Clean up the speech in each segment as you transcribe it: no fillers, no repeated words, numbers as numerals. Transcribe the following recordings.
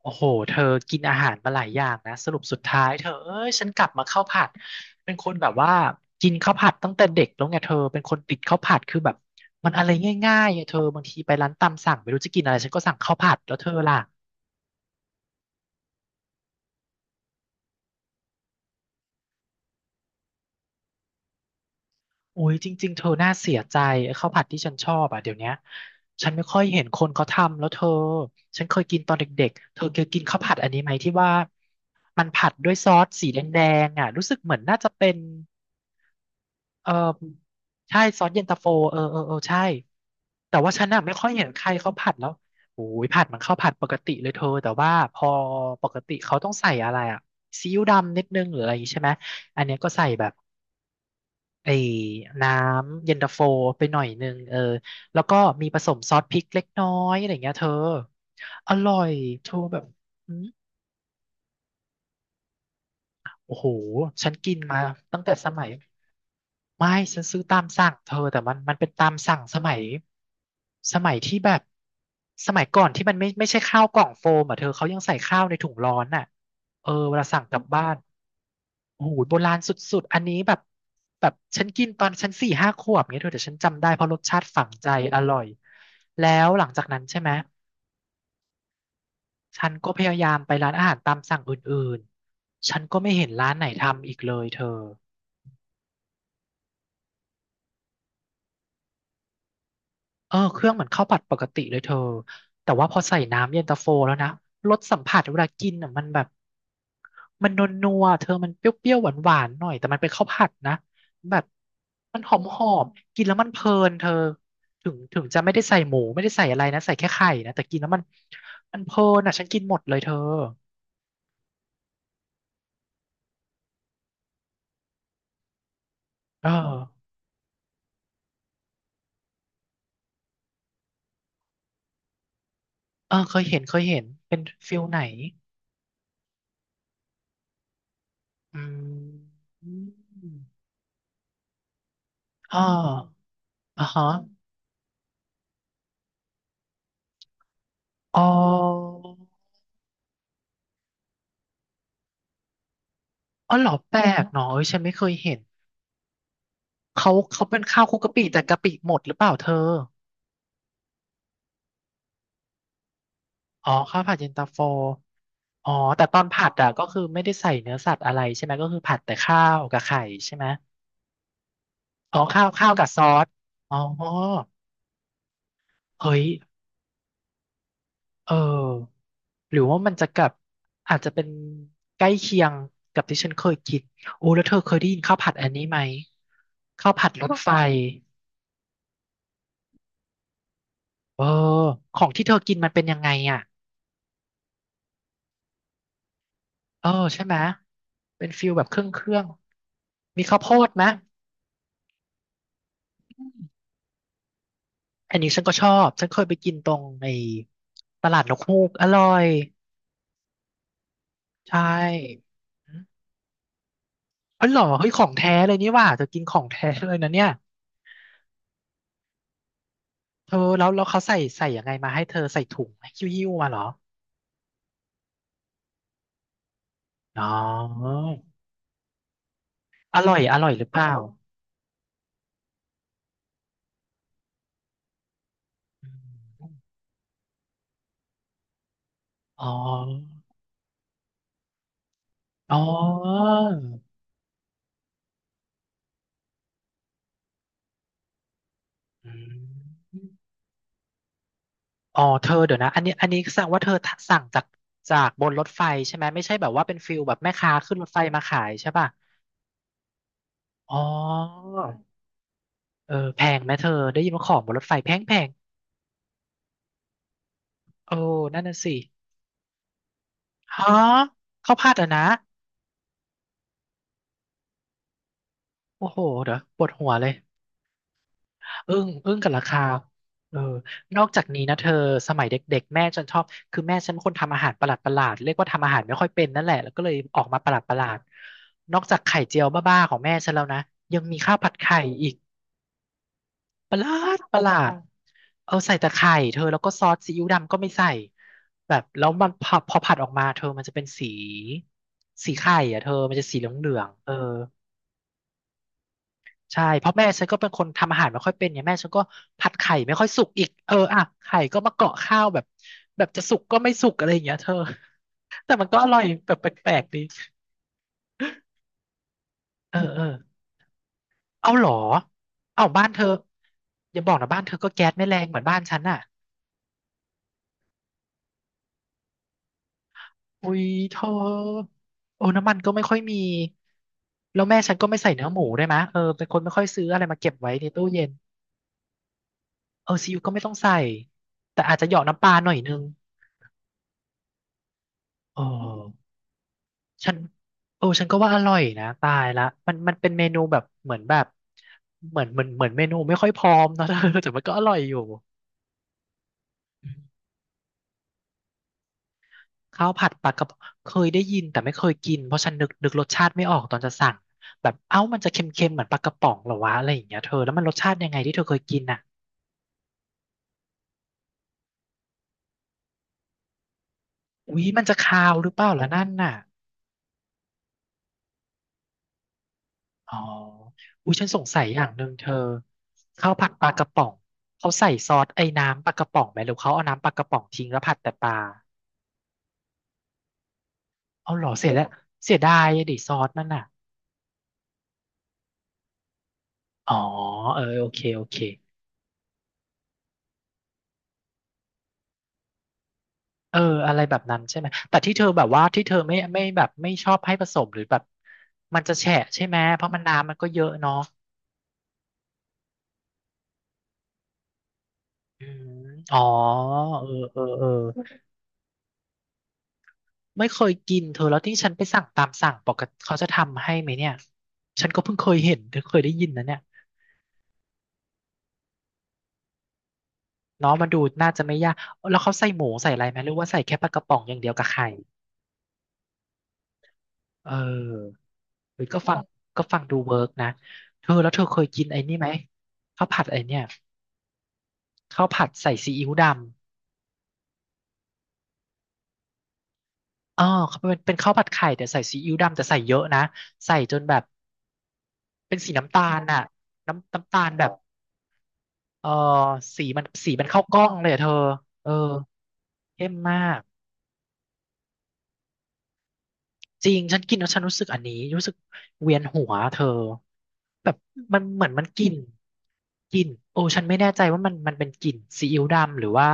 โอ้โหเธอกินอาหารมาหลายอย่างนะสรุปสุดท้ายเธอเอ้ยฉันกลับมาข้าวผัดเป็นคนแบบว่ากินข้าวผัดตั้งแต่เด็กแล้วไงเธอเป็นคนติดข้าวผัดคือแบบมันอะไรง่ายๆอะเธอบางทีไปร้านตามสั่งไม่รู้จะกินอะไรฉันก็สั่งข้าวผัดแล้วเธอล่ะโอ้ยจริงๆเธอน่าเสียใจไอ้ข้าวผัดที่ฉันชอบอ่ะเดี๋ยวเนี้ยฉันไม่ค่อยเห็นคนเขาทำแล้วเธอฉันเคยกินตอนเด็กๆเธอเคยกินข้าวผัดอันนี้ไหมที่ว่ามันผัดด้วยซอสสีแดงๆอ่ะรู้สึกเหมือนน่าจะเป็น เออใช่ซอสเย็นตาโฟเออเออเออใช่แต่ว่าฉันน่ะไม่ค่อยเห็นใครเขาผัดแล้วโอ้ยผัดมันเข้าวผัดปกติเลยเธอแต่ว่าพอปกติเขาต้องใส่อะไรอ่ะซีอิ๊วดำนิดนึงหรืออะไรอย่างงี้ใช่ไหมอันเนี้ยก็ใส่แบบไอ้น้ำเย็นตาโฟไปหน่อยนึงเออแล้วก็มีผสมซอสพริกเล็กน้อยอะไรอย่างเงี้ยเธออร่อยเธอแบบโอ้โหฉันกินมาตั้งแต่สมัย ไม่ฉันซื้อตามสั่งเธอแต่มันเป็นตามสั่งสมัยที่แบบสมัยก่อนที่มันไม่ใช่ข้าวกล่องโฟมอ่ะเธอเขายังใส่ข้าวในถุงร้อนอ่ะเออเวลาสั่งกลับบ้านโอ้โหโบราณสุดๆอันนี้แบบแบบฉันกินตอนฉันสี่ห้าขวบเงี้ยเธอแต่ฉันจำได้เพราะรสชาติฝังใจอร่อยแล้วหลังจากนั้นใช่ไหมฉันก็พยายามไปร้านอาหารตามสั่งอื่นๆฉันก็ไม่เห็นร้านไหนทำอีกเลยเธอ เออเครื่องเหมือนข้าวผัดปกติเลยเธอแต่ว่าพอใส่น้ำเย็นตาโฟแล้วนะรสสัมผัสเวลากินอ่ะมันแบบมันนัวๆเธอมันเปรี้ยวๆหวานๆหน่อยแต่มันเป็นข้าวผัดนะแบบมันหอมๆกินแล้วมันเพลินเธอถึงจะไม่ได้ใส่หมูไม่ได้ใส่อะไรนะใส่แค่ไข่นะแต่กินแล้วมันเพลินอ่ะฉันกินหมดเลยเธอเออเออเคยเห็นเคยเห็นเป็นฟิลไหนอืมอ่าอ่าฮะอ๋อ อ๋อเหรอแปลกเนาะเอ้ยฉันไม่เคยเห็นเขาเป็นข้าวคลุกกะปิแต่กะปิหมดหรือเปล่าเธออ๋อข้าวผัดเย็นตาโฟอ๋อแต่ตอนผัดอ่ะก็คือไม่ได้ใส่เนื้อสัตว์อะไรใช่ไหมก็คือผัดแต่ข้าวกับไข่ใช่ไหมอ๋อข้าวกับซอสอ๋อเฮ้ยเออหรือว่ามันจะกับอาจจะเป็นใกล้เคียงกับที่ฉันเคยกินโอ้แล้วเธอเคยได้ยินข้าวผัดอันนี้ไหมข้าวผัดรถไฟเออของที่เธอกินมันเป็นยังไงอ่ะ เออใช่ไหมเป็นฟิลแบบเครื่องมีข้าวโพดไหมอืมอันนี้ฉันก็ชอบฉันเคยไปกินตรงในตลาดนกฮูกอร่อยใช่อืมเอ๋อเหรอเฮ้ยของแท้เลยนี่หว่าเธอกินของแท้เลยนะเนี่ยเธอแล้วเขาใส่ใส่ยังไงมาให้เธอใส่ถุงหิ้วมาเหรออ๋ออร่อยอร่อยหรือเปล่าอ๋ออ๋ออืม อ๋อเธอเดี๋ยวนะอันนี้อันนี้แสดงว่าเธอสั่งจากบนรถไฟใช่ไหมไม่ใช่แบบว่าเป็นฟิลแบบแม่ค้าขึ้นรถไฟมาขายใช่ป่ะอ๋อเออแพงไหมเธอได้ยินว่าของบนรถไฟแพงแพงโอ้นั่นน่ะสิฮะข้าวผัดอ่ะนะโอ้โหเดี๋ยวปวดหัวเลย อึ้งกับราคาเออนอกจากนี้นะเธอสมัยเด็กๆแม่ฉันชอบคือแม่ฉันเป็นคนทำอาหารประหลาดๆเรียกว่าทำอาหารไม่ค่อยเป็นนั่นแหละแล้วก็เลยออกมาประหลาดๆนอกจากไข่เจียวบ้าๆของแม่ฉันแล้วนะยังมีข้าวผัดไข่อีกประหลาประหลาดเอาใส่แต่ไข่เธอแล้วก็ซอสซีอิ๊วดำก็ไม่ใส่แบบแล้วมันพอผัดออกมาเธอมันจะเป็นสีสีไข่อ่ะเธอมันจะสีเหลืองๆเออ ใช่เพราะแม่ฉันก็เป็นคนทำอาหารไม่ค่อยเป็นเนี่ยแม่ฉันก็ผัดไข่ไม่ค่อยสุกอีกเอออ่ะไข่ก็มาเกาะข้าวแบบแบบจะสุกก็ไม่สุกอะไรอย่างเงี้ยเธอแต่มันก็อร่อยแบบแปลกๆดีเออเออเอาเหรอเอาบ้านเธออย่าบอกนะบ้านเธอก็แก๊สไม่แรงเหมือนบ้านฉันอ่ะอุ้ยเธอโอ้น้ำมันก็ไม่ค่อยมีแล้วแม่ฉันก็ไม่ใส่เนื้อหมูได้วยมะเออเป็นคนไม่ค่อยซื้ออะไรมาเก็บไว้ในตู้เย็นเออซีอิ๊วก็ไม่ต้องใส่แต่อาจจะเหยาะน้ำปลาหน่อยนึงเออ ฉันโอ้ฉันก็ว่าอร่อยนะตายละมันเป็นเมนูแบบเหมือนแบบเหมือนเมนูไม่ค่อยพร้อมเนอะ เธอแต่มันก็อร่อยอยู่อืมข้าวผัดปลากระพงเคยได้ยินแต่ไม่เคยกินเพราะฉันนึกรสชาติไม่ออกตอนจะสั่งแบบเอ้ามันจะเค็มๆเหมือนปลากระป๋องเหรอวะอะไรอย่างเงี้ยเธอแล้วมันรสชาติยังไงที่เธอเคยกินอ่ะอุ๊ยมันจะคาวหรือเปล่าล่ะนั่นน่ะอ๋ออุ๊ยฉันสงสัยอย่างหนึ่งเธอข้าวผัดปลากระป๋องเขาใส่ซอสไอ้น้ำปลากระป๋องไหมหรือเขาเอาน้ำปลากระป๋องทิ้งแล้วผัดแต่ปลา เอาเหรอเสียแล้วเสียดายอะดิซอสมันอ่ะอ๋อเออโอเคโอเคเอออะไรแบบนั้นใช่ไหมแต่ที่เธอแบบว่าที่เธอไม่แบบไม่ชอบให้ผสมหรือแบบมันจะแฉะใช่ไหมเพราะมันน้ำมันก็เยอะเนาะอืมอ๋อเออเออเออไม่เคยกินเธอแล้วที่ฉันไปสั่งตามสั่งปกติเขาจะทำให้ไหมเนี่ยฉันก็เพิ่งเคยเห็นเธอเคยได้ยินนะเนี่ยเนาะมันดูน่าจะไม่ยากแล้วเขาใส่หมูใส่อะไรไหมหรือว่าใส่แค่ปลากระป๋องอย่างเดียวกับไข่เออ เฮ้ยก็ฟังก็ฟังดูเวิร์กนะเธอแล้วเธอเคยกินไอ้นี่ไหมข้าวผัดไอ้เนี่ยข้าวผัดใส่ซีอิ๊วดำอ๋อเขาเป็นข้าวผัดไข่แต่ใส่ซีอิ๊วดำแต่ใส่เยอะนะใส่จนแบบเป็นสีน้ำตาลน่ะน้ำน้ำตาลแบบเออสีมันสีมันเข้ากล้องเลยอะเธอเออเข้มมาก จริงฉันกินแล้วฉันรู้สึกอันนี้รู้สึกเวียนหัวเธอแบบมันเหมือนมันกลิ่นกลิ่นโอ้ฉันไม่แน่ใจว่ามันมันเป็นกลิ่นซีอิ๊วดำหรือว่า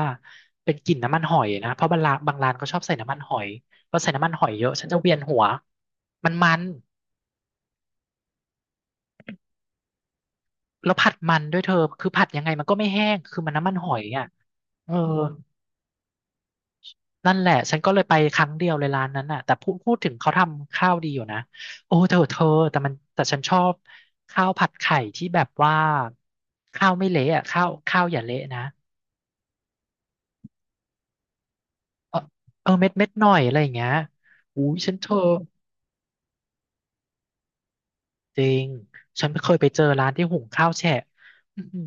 เป็นกลิ่นน้ำมันหอยนะเพราะบางร้านบางร้านเขาชอบใส่น้ำมันหอยพอใส่น้ำมันหอยเยอะฉันจะเวียนหัวมันมันแล้วผัดมันด้วยเธอคือผัดยังไงมันก็ไม่แห้งคือมันน้ำมันหอยอ่ะเออ นั่นแหละฉันก็เลยไปครั้งเดียวเลยร้านนั้นน่ะแต่พูดถึงเขาทำข้าวดีอยู่นะโอ้เธอเธอแต่มันแต่ฉันชอบข้าวผัดไข่ที่แบบว่าข้าวไม่เละอ่ะข้าวข้าวอย่าเละนะเออเออเม็ดเม็ดหน่อยอะไรอย่างเงี้ยอุ้ยฉันเธอจริงฉันเคยไปเจอร้านที่หุงข้าวแฉะอื้อหือ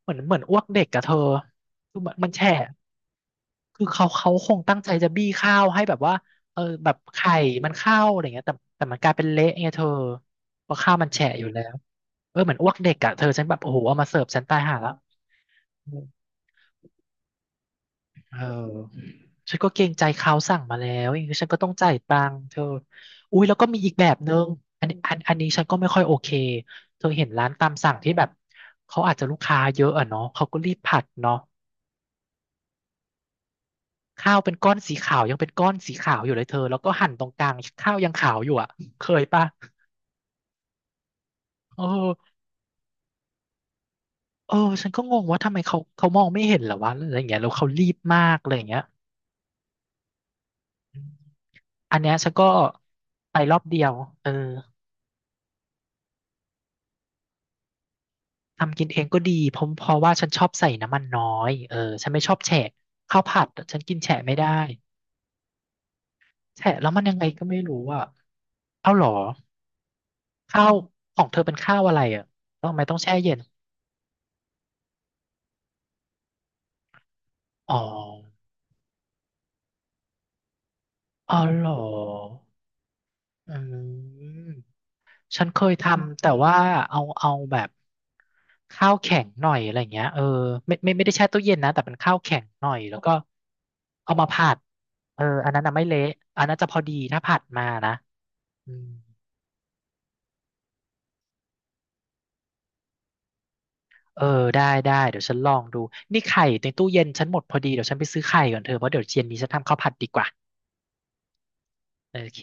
เหมือนเหมือนอ้วกเด็กกับเธอคือมันแฉะ คือเขาเขาคงตั้งใจจะบี้ข้าวให้แบบว่าเออแบบไข่มันเข้าอะไรเงี้ยแต่แต่มันกลายเป็นเละไงเธอเพราะข้าวมันแฉะอยู่แล้วเออเหมือนอ้วกเด็กอ่ะเธอฉันแบบโอ้โหเอามาเสิร์ฟฉันตายห่าแล้วเออฉันก็เกรงใจเขาสั่งมาแล้วอย่างนี้ฉันก็ต้องจ่ายตังค์เธออุ้ยแล้วก็มีอีกแบบนึงอันนี้อันนี้ฉันก็ไม่ค่อยโอเคเธอเห็นร้านตามสั่งที่แบบเขาอาจจะลูกค้าเยอะอะเนาะเขาก็รีบผัดเนาะ ข้าวเป็นก้อนสีขาวยังเป็นก้อนสีขาวอยู่เลยเธอแล้วก็หั่นตรงกลางข้าวยังขาวอยู่อ่ะเคยปะเออเออฉันก็งงว่าทำไมเขาเขามองไม่เห็นเหรอวะอะไรอย่างเงี้ยแล้วเขารีบมากอะไรอย่างเงี้ยอืมอันเนี้ยฉันก็ไปรอบเดียวเออทำกินเองก็ดีเพราะเพราะว่าฉันชอบใส่น้ำมันน้อยเออฉันไม่ชอบแฉะข้าวผัดฉันกินแฉะไม่ได้แฉะแล้วมันยังไงก็ไม่รู้อ่ะเอาเหรอข้าวของเธอเป็นข้าวอะไรอ่ะแล้วทำไมต้องแช่เย็นอ๋ออ๋อเหรอ อืมฉันเคยทำแต่ว่าเอาเอาแบบข้าวแข็งหน่อยอะไรเงี้ยเออไม่ได้แช่ตู้เย็นนะแต่เป็นข้าวแข็งหน่อยแล้วก็เอามาผัดเอออันนั้นน่ะไม่เละอันนั้นจะพอดีถ้าผัดมานะอืมเออได้เดี๋ยวฉันลองดูนี่ไข่ในตู้เย็นฉันหมดพอดีเดี๋ยวฉันไปซื้อไข่ก่อนเธอเพราะเดี๋ยวเย็นนี้ฉันทำข้าวผัดดีกว่าโอเค